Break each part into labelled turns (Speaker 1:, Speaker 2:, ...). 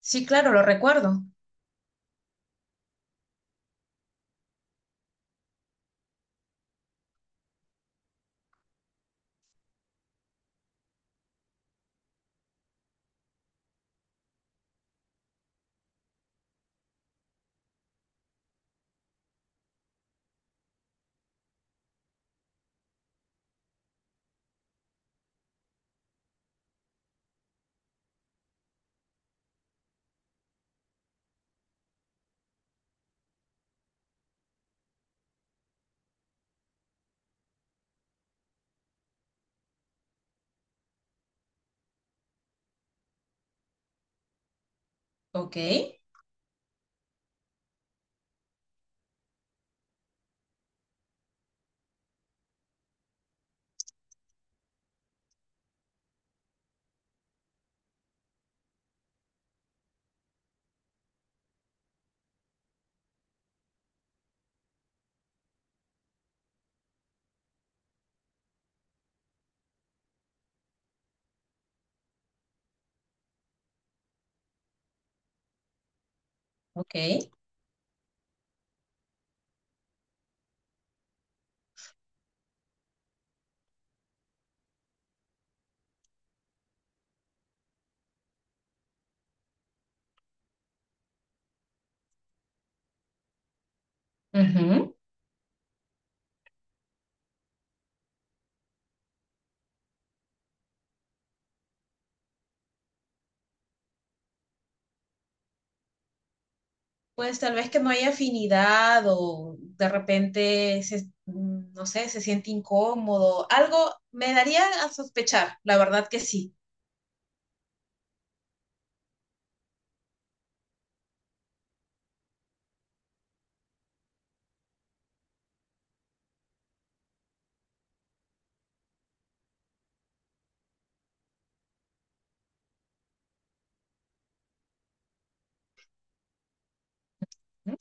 Speaker 1: Sí, claro, lo recuerdo. Ok, ok. Ujú. Pues tal vez que no hay afinidad o de repente, no sé, se siente incómodo. Algo me daría a sospechar, la verdad que sí. ¿Mm?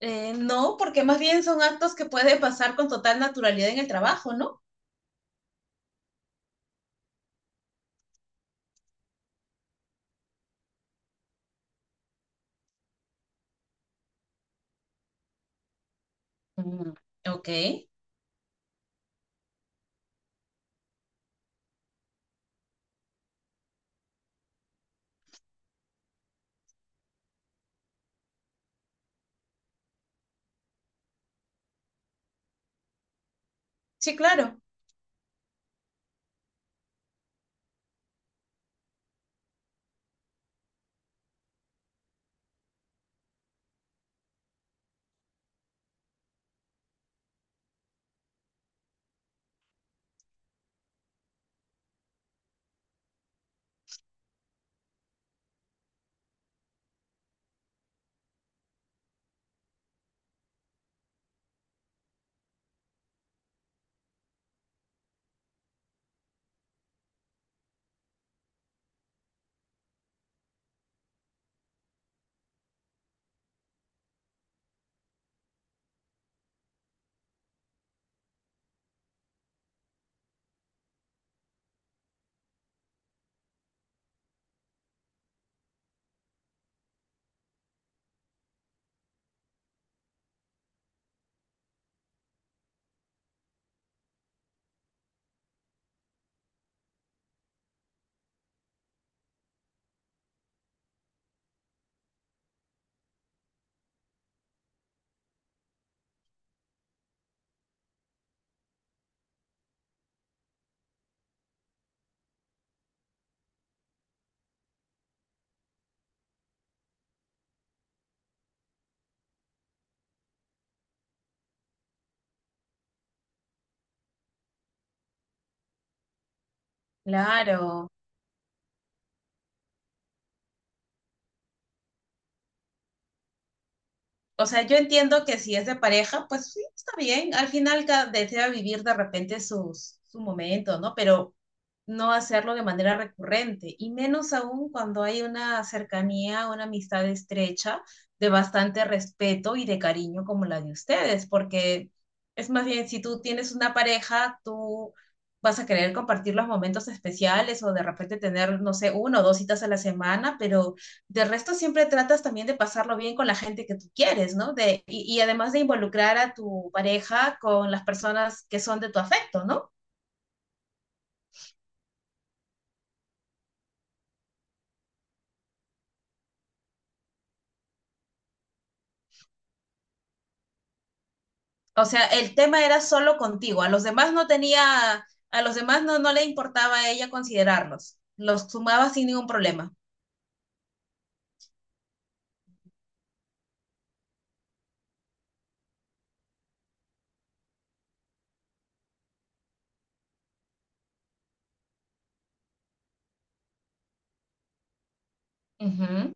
Speaker 1: No, porque más bien son actos que puede pasar con total naturalidad en el trabajo, ¿no? Mm, ok, sí, claro, claro. O sea, yo entiendo que si es de pareja, pues sí, está bien. Al final cada desea vivir de repente sus, su momento, ¿no? Pero no hacerlo de manera recurrente. Y menos aún cuando hay una cercanía, una amistad estrecha, de bastante respeto y de cariño como la de ustedes. Porque es más bien, si tú tienes una pareja, tú vas a querer compartir los momentos especiales o de repente tener, no sé, uno o dos citas a la semana, pero de resto siempre tratas también de pasarlo bien con la gente que tú quieres, ¿no? De, y además de involucrar a tu pareja con las personas que son de tu afecto, ¿no? O sea, el tema era solo contigo, a los demás no tenía, a los demás no, no le importaba a ella considerarlos, los sumaba sin ningún problema. Ujú.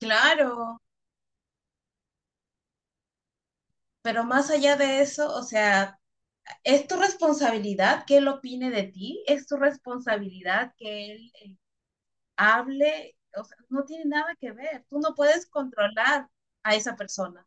Speaker 1: Claro, pero más allá de eso, o sea, es tu responsabilidad que él opine de ti, es tu responsabilidad que él hable, o sea, no tiene nada que ver. Tú no puedes controlar a esa persona.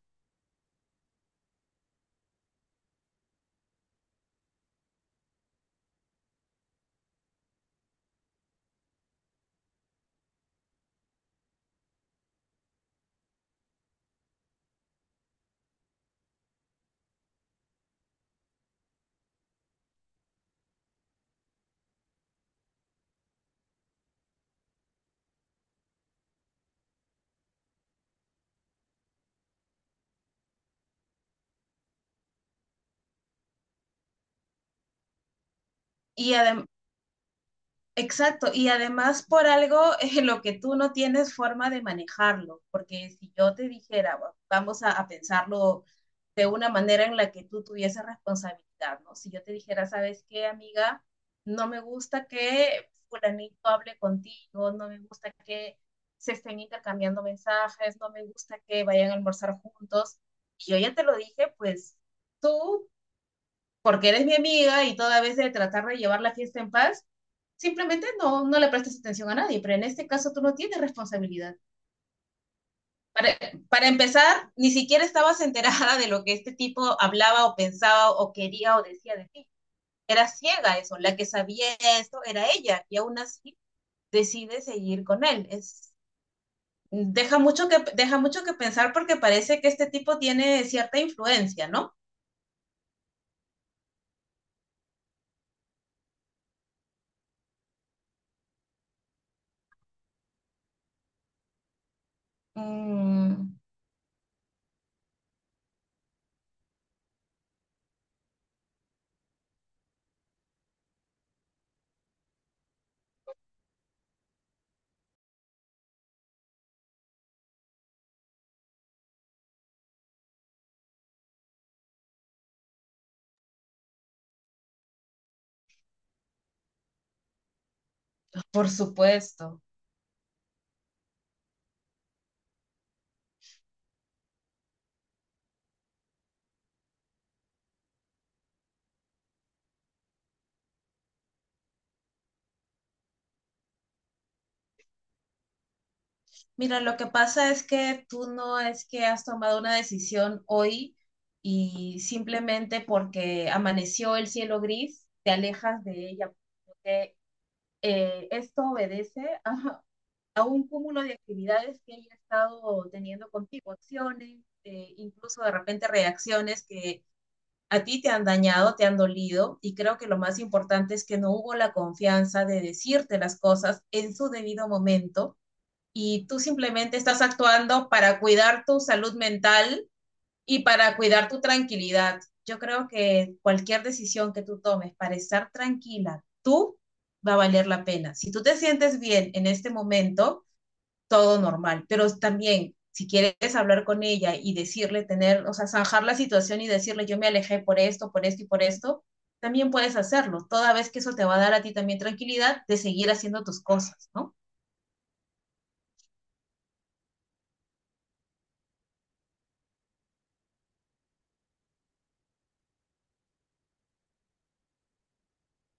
Speaker 1: Y además, exacto, y además por algo lo que tú no tienes forma de manejarlo, porque si yo te dijera, "Va- vamos a pensarlo de una manera en la que tú tuvieses responsabilidad, ¿no? Si yo te dijera, ¿sabes qué, amiga? No me gusta que fulanito hable contigo, no me gusta que se estén intercambiando mensajes, no me gusta que vayan a almorzar juntos. Y yo ya te lo dije, pues tú, porque eres mi amiga y toda vez de tratar de llevar la fiesta en paz, simplemente no, no le prestas atención a nadie, pero en este caso tú no tienes responsabilidad. Para, para empezar, ni siquiera estabas enterada de lo que este tipo hablaba o pensaba o quería o decía de ti. Era ciega eso, la que sabía esto era ella y aún así decide seguir con él. Es, deja mucho que pensar porque parece que este tipo tiene cierta influencia, ¿no? Mm, por supuesto. Mira, lo que pasa es que tú no es que has tomado una decisión hoy y simplemente porque amaneció el cielo gris, te alejas de ella. Porque, esto obedece a un cúmulo de actividades que ella ha estado teniendo contigo, acciones, incluso de repente reacciones que a ti te han dañado, te han dolido, y creo que lo más importante es que no hubo la confianza de decirte las cosas en su debido momento y tú simplemente estás actuando para cuidar tu salud mental y para cuidar tu tranquilidad. Yo creo que cualquier decisión que tú tomes para estar tranquila, tú va a valer la pena. Si tú te sientes bien en este momento, todo normal, pero también si quieres hablar con ella y decirle, tener, o sea, zanjar la situación y decirle, yo me alejé por esto y por esto, también puedes hacerlo, toda vez que eso te va a dar a ti también tranquilidad de seguir haciendo tus cosas, ¿no?